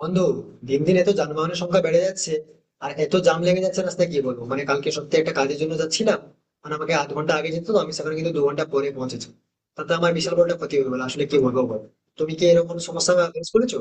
বন্ধু, দিন দিন এত যানবাহনের সংখ্যা বেড়ে যাচ্ছে, আর এত জাম লেগে যাচ্ছে রাস্তায়, কি বলবো। মানে কালকে সত্যি একটা কাজের জন্য যাচ্ছিলাম, মানে আমাকে আধ ঘন্টা আগে যেত তো আমি সেখানে, কিন্তু 2 ঘন্টা পরে পৌঁছেছি। তাতে আমার বিশাল বড় একটা ক্ষতি হয়ে গেলো আসলে, কি বলবো বল। তুমি কি এরকম সমস্যা ফেস করেছো?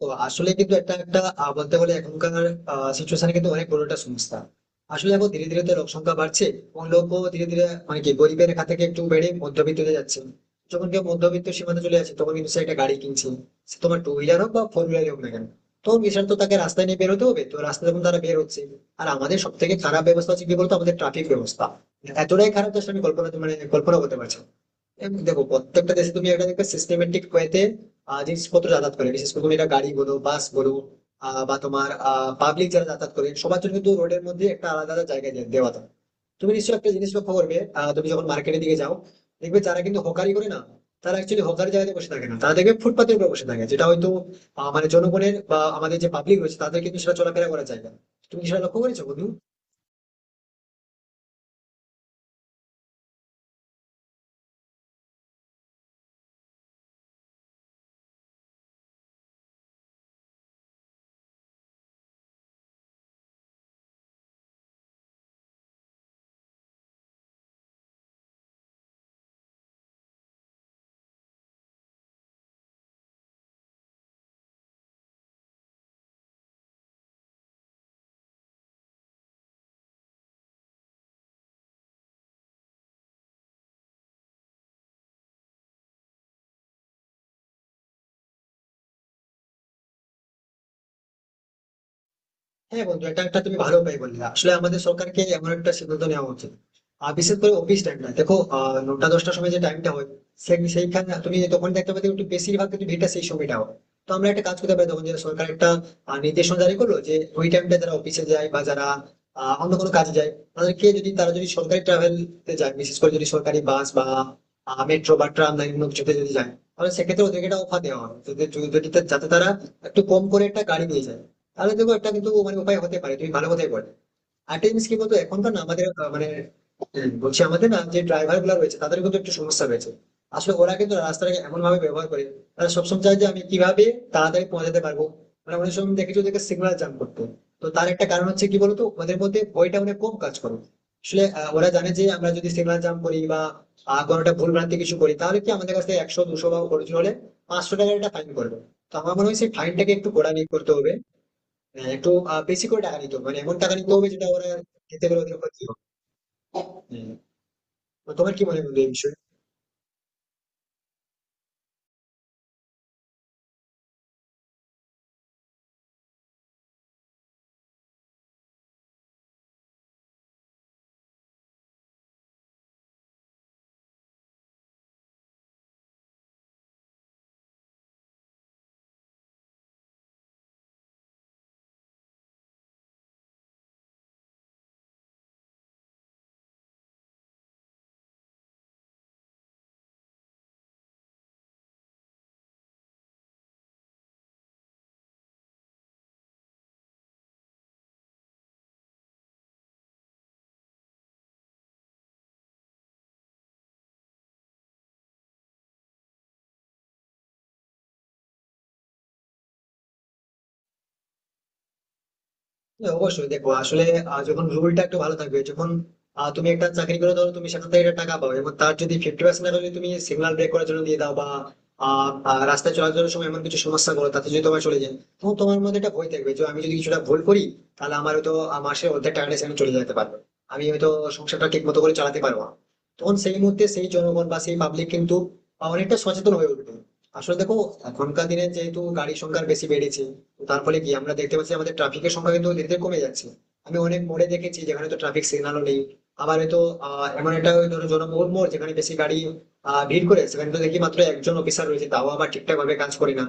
তো আসলে কিন্তু একটা একটা বলতে গেলে এখনকার সিচুয়েশনে কিন্তু অনেক বড় একটা সমস্যা। আসলে এখন ধীরে ধীরে তো লোক সংখ্যা বাড়ছে, এবং লোকও ধীরে ধীরে মানে কি গরিবের রেখা থেকে একটু বেড়ে মধ্যবিত্ততে যাচ্ছে। যখন কেউ মধ্যবিত্ত সীমাতে চলে যাচ্ছে তখন কিন্তু সে একটা গাড়ি কিনছে, সে তোমার টু হুইলার হোক বা ফোর হুইলার হোক না কেন। তো বিশাল, তো তাকে রাস্তায় নিয়ে বেরোতে হবে, তো রাস্তায় যখন তারা বের হচ্ছে আর আমাদের সব থেকে খারাপ ব্যবস্থা হচ্ছে কি বলতো, আমাদের ট্রাফিক ব্যবস্থা এতটাই খারাপ যে আসলে আমি কল্পনা মানে কল্পনা করতে পারছি না। এবং দেখো প্রত্যেকটা দেশে তুমি একটা দেখবে সিস্টেমেটিক ওয়েতে জিনিসপত্র যাতায়াত করে, বিশেষ করে তুমি এটা গাড়ি বলো, বাস বলো, বা তোমার পাবলিক যারা যাতায়াত করে, সবার জন্য কিন্তু রোডের মধ্যে একটা আলাদা আলাদা জায়গা দেওয়া থাকে। তুমি নিশ্চয়ই একটা জিনিস লক্ষ্য করবে, তুমি যখন মার্কেটের দিকে যাও, দেখবে যারা কিন্তু হকারি করে না, তারা অ্যাকচুয়ালি হকারি জায়গাতে বসে থাকে না, তারা দেখবে ফুটপাতের উপর বসে থাকে, যেটা হয়তো মানে জনগণের বা আমাদের যে পাবলিক রয়েছে তাদের কিন্তু সেটা চলাফেরা করা যায় না। তুমি কি সেটা লক্ষ্য করেছো বন্ধু? হ্যাঁ বন্ধু, এটা একটা তুমি ভালো উপায় বললে। আসলে আমাদের সরকারকে এমন একটা সিদ্ধান্ত নেওয়া উচিত। আর বিশেষ করে অফিস টাইমটা দেখো, নটা দশটার সময় যে টাইমটা হয়, সেইখানে তুমি তখন দেখতে পাবে একটু বেশিরভাগ কিন্তু ভিড়টা সেই সময়টা হয়। তো আমরা একটা কাজ করতে পারি, তখন যে সরকার একটা নির্দেশনা জারি করলো, যে ওই টাইমটা যারা অফিসে যায় বা যারা অন্য কোনো কাজে যায়, তাদেরকে যদি তারা যদি সরকারি ট্রাভেল যায়, বিশেষ করে যদি সরকারি বাস বা মেট্রো বা ট্রাম লাইন কোনো কিছুতে যদি যায়, তাহলে সেক্ষেত্রে ওদেরকে একটা অফার দেওয়া হয় যদি যদি- যদি- যাতে তারা একটু কম করে একটা গাড়ি নিয়ে যায়। তাহলে দেখো একটা কিন্তু মানে উপায় হতে পারে, তুমি ভালো কথাই বল। আরেকটা জিনিস কি বলতো, এখনকার না আমাদের মানে বলছি আমাদের না যে ড্রাইভার গুলো রয়েছে তাদের কিন্তু একটু সমস্যা রয়েছে। আসলে ওরা কিন্তু রাস্তাটাকে এমন ভাবে ব্যবহার করে, তারা সবসময় চায় যে আমি কিভাবে তাড়াতাড়ি পৌঁছাতে পারবো। মানে অনেক সময় দেখেছো ওদেরকে সিগন্যাল জাম করতো, তো তার একটা কারণ হচ্ছে কি বলতো ওদের মধ্যে ওইটা অনেক কম কাজ করো। আসলে ওরা জানে যে আমরা যদি সিগন্যাল জাম করি বা কোনোটা ভুল ভ্রান্তি কিছু করি, তাহলে কি আমাদের কাছে 100 200 বা অর্জন হলে 500 টাকার একটা ফাইন করবে। তো আমার মনে হয় সেই ফাইনটাকে একটু গোড়া নিয়ে করতে হবে। হ্যাঁ, একটু বেশি করে টাকা নিতে হবে, মানে এমন টাকা নিতে হবে যেটা ওরা নিতে গেলে ওদের ক্ষতি হবে। হ্যাঁ। তো তোমার কি মনে হয় বন্ধু এই বিষয়ে? হ্যাঁ, অবশ্যই দেখো আসলে যখন রুলটা একটু ভালো থাকবে, যখন তুমি একটা চাকরি করে ধরো তুমি সেখান থেকে একটা টাকা পাও, এবং তার যদি 50% টাকা যদি তুমি সিগন্যাল ব্রেক করার জন্য দিয়ে দাও বা আহ, আহ, রাস্তায় চলাচলের সময় এমন কিছু সমস্যা করো তাতে যদি তোমার চলে যায়, তখন তোমার মধ্যে একটা ভয় থাকবে যে আমি যদি কিছুটা ভুল করি তাহলে আমার হয়তো মাসের অর্ধেক টাকাটা সেখানে চলে যেতে পারবে। আমি হয়তো সংসারটা ঠিক মতো করে চালাতে পারবো না। তখন সেই মুহূর্তে সেই জনগণ বা সেই পাবলিক কিন্তু অনেকটা সচেতন হয়ে উঠবে। আসলে দেখো এখনকার দিনে যেহেতু গাড়ির সংখ্যা বেশি বেড়েছে, তো তার ফলে কি আমরা দেখতে পাচ্ছি আমাদের ট্রাফিকের সংখ্যা কিন্তু ধীরে ধীরে কমে যাচ্ছে। আমি অনেক মোড়ে দেখেছি যেখানে তো ট্রাফিক সিগন্যালও নেই, আবার হয়তো এমন একটা ধরো জনবহুল মোড় যেখানে বেশি গাড়ি ভিড় করে সেখানে তো দেখি মাত্র একজন অফিসার রয়েছে, তাও আবার ঠিকঠাক ভাবে কাজ করে না।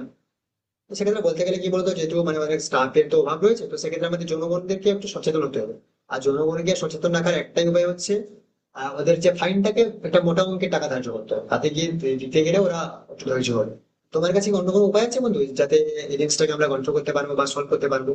তো সেক্ষেত্রে বলতে গেলে কি বলতো, যেহেতু মানে অনেক স্টাফের তো অভাব রয়েছে, তো সেক্ষেত্রে আমাদের জনগণদেরকে একটু সচেতন হতে হবে। আর জনগণকে সচেতন রাখার একটাই উপায় হচ্ছে ওদের যে ফাইনটাকে একটা মোটা অঙ্কের টাকা ধার্য করতে হবে, তাতে গিয়ে দিতে গেলে ওরা একটু ধৈর্য হবে। তোমার কাছে কি অন্য কোনো উপায় আছে বন্ধু যাতে এই জিনিসটাকে আমরা কন্ট্রোল করতে পারবো বা সলভ করতে পারবো?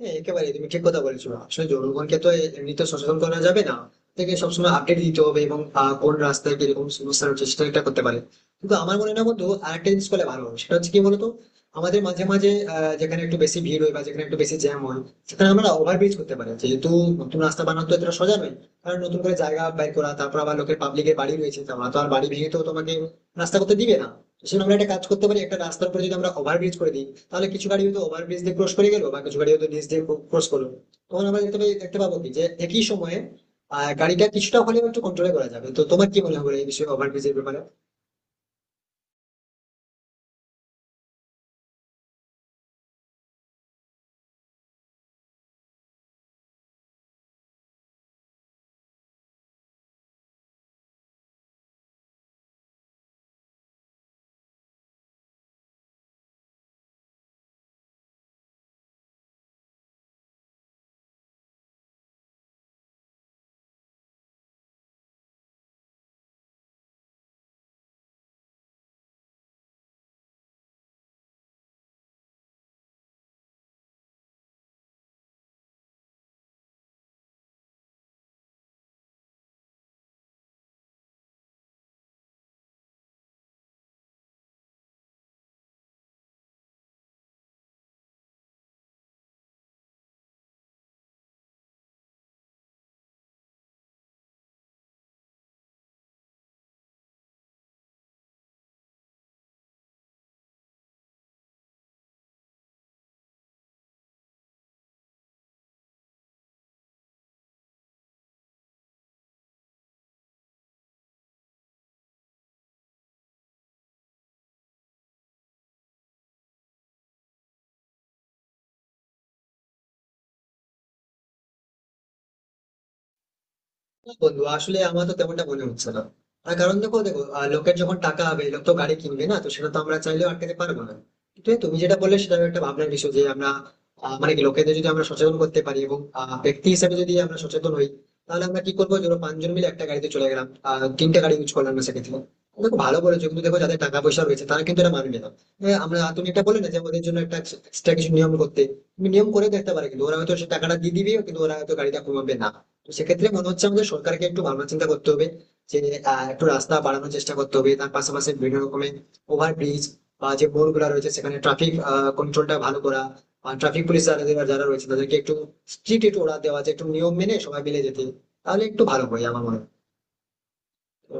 হ্যাঁ একেবারেই তুমি ঠিক কথা বলেছো। আসলে জনগণকে তো এমনিতে সচেতন করা যাবে না, তাকে সবসময় আপডেট দিতে হবে, এবং কোন রাস্তায় কিরকম সমস্যা হচ্ছে সেটা একটা করতে পারে। কিন্তু আমার মনে হয় না বন্ধু, আরেকটা জিনিস করলে ভালো হয় সেটা হচ্ছে কি বলতো, আমাদের মাঝে মাঝে যেখানে একটু বেশি ভিড় হয় বা যেখানে একটু বেশি জ্যাম হয় সেখানে আমরা ওভারব্রিজ করতে পারি। যেহেতু নতুন রাস্তা বানানো তো এটা সোজা নয়, কারণ নতুন করে জায়গা বের করা, তারপর আবার লোকের পাবলিকের বাড়ি রয়েছে, তোমরা তো আর বাড়ি ভেঙে তো তোমাকে রাস্তা করতে দিবে না। সেজন্য আমরা একটা কাজ করতে পারি, একটা রাস্তার উপরে যদি আমরা ওভারব্রিজ করে দিই তাহলে কিছু গাড়ি হয়তো ওভারব্রিজ দিয়ে ক্রস করে গেলো, বা কিছু গাড়ি হয়তো নিচ দিয়ে ক্রস করলো। তখন আমরা দেখতে পাবো কি যে একই সময়ে আহ গাড়িটা কিছুটা হলেও একটু কন্ট্রোলে করা যাবে। তো তোমার কি মনে হবে এই বিষয়ে, ওভারব্রিজের ব্যাপারে? না বন্ধু, আসলে আমার তো তেমনটা মনে হচ্ছে না। তার কারণ দেখো দেখো লোকের যখন টাকা হবে লোক তো গাড়ি কিনবে না, তো সেটা তো আমরা চাইলেও আটকাতে পারবো না। কিন্তু এই তুমি যেটা বললে সেটা একটা ভাবনার বিষয়, যে আমরা মানে কি লোকেদের যদি আমরা সচেতন করতে পারি, এবং ব্যক্তি হিসেবে যদি আমরা সচেতন হই, তাহলে আমরা কি করবো ধরো পাঁচজন মিলে একটা গাড়িতে চলে গেলাম, তিনটা গাড়ি ইউজ করলাম না সেক্ষেত্রে। দেখো ভালো বলেছো, কিন্তু দেখো যাদের টাকা পয়সা রয়েছে তারা কিন্তু এটা মানবে না। হ্যাঁ, আমরা তুমি এটা বলে না যে ওদের জন্য একটা এক্সট্রা কিছু নিয়ম করতে। তুমি নিয়ম করে দেখতে পারে কিন্তু ওরা হয়তো সে টাকাটা দিয়ে দিবে, কিন্তু ওরা হয়তো গাড়িটা কমাবে না। তো সেক্ষেত্রে মনে হচ্ছে আমাদের সরকারকে একটু ভাবনা চিন্তা করতে হবে যে একটু রাস্তা বাড়ানোর চেষ্টা করতে হবে, তার পাশাপাশি বিভিন্ন রকমের ওভারব্রিজ, বা যে মোড় গুলা রয়েছে সেখানে ট্রাফিক কন্ট্রোলটা ভালো করা, বা ট্রাফিক পুলিশ যারা যারা- যারা রয়েছে তাদেরকে একটু স্ট্রিক্ট একটু ওরা দেওয়া, যে একটু নিয়ম মেনে সবাই মিলে যেতে। তাহলে একটু ভালো হয় আমার মনে হয়। তো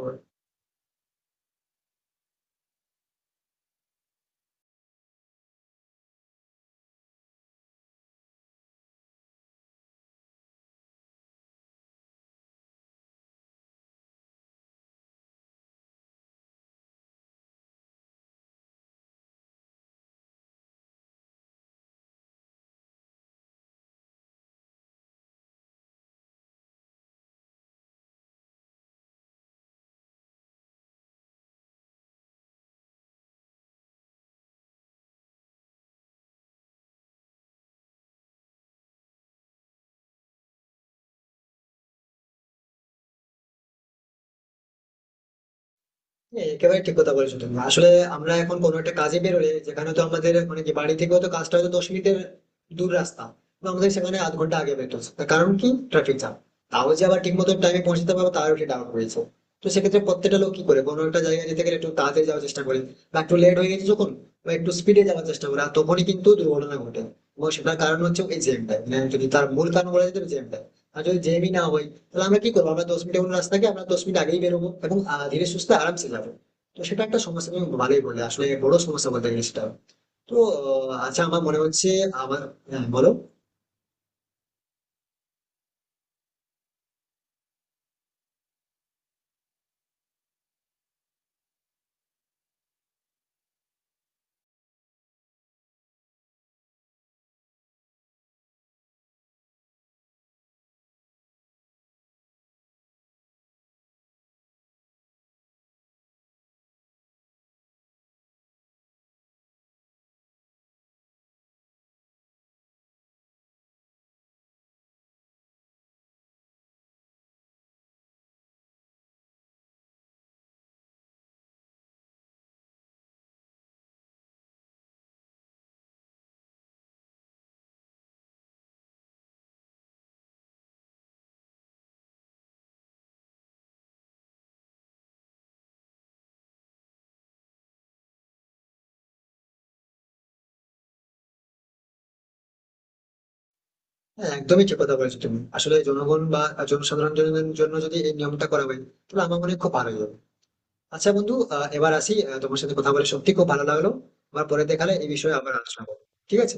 হ্যাঁ, একেবারে ঠিক কথা বলেছো তুমি। আসলে আমরা এখন কোনো একটা কাজে বেরোলে, যেখানে তো আমাদের মানে কি বাড়ি থেকে তো কাজটা হয়তো 10 মিনিটের দূর রাস্তা, তো আমাদের সেখানে আধ ঘন্টা আগে বেরোতে হচ্ছে, তার কারণ কি ট্রাফিক জ্যাম। তাও যে আবার ঠিক মতো টাইমে পৌঁছতে পারবো তারও একটা ডাউট রয়েছে। তো সেক্ষেত্রে প্রত্যেকটা লোক কি করে কোনো একটা জায়গায় যেতে গেলে একটু তাড়াতাড়ি যাওয়ার চেষ্টা করে, বা একটু লেট হয়ে গেছে যখন, বা একটু স্পিডে যাওয়ার চেষ্টা করে, আর তখনই কিন্তু দুর্ঘটনা ঘটে। এবং সেটার কারণ হচ্ছে এই জ্যামটা, মানে যদি তার মূল কারণ বলা যেতে জ্যামটা। আর যদি জ্যামই না হয় তাহলে আমরা কি করবো, আমরা 10 মিনিট এখন রাস্তাকে আমরা 10 মিনিট আগেই বেরোবো, এবং ধীরে সুস্থে আরামসে যাবো। তো সেটা একটা সমস্যা, তুমি ভালোই বললে, আসলে বড় সমস্যা বলতে গেলে সেটা। তো আচ্ছা আমার মনে হচ্ছে আমার, হ্যাঁ, বলো। হ্যাঁ একদমই ঠিক কথা বলেছো তুমি। আসলে জনগণ বা জনসাধারণ জনের জন্য যদি এই নিয়মটা করা হয় তাহলে আমার মনে হয় খুব ভালো হবে। আচ্ছা বন্ধু, এবার আসি, তোমার সাথে কথা বলে সত্যি খুব ভালো লাগলো। আবার পরে দেখালে এই বিষয়ে আবার আলোচনা করবো। ঠিক আছে?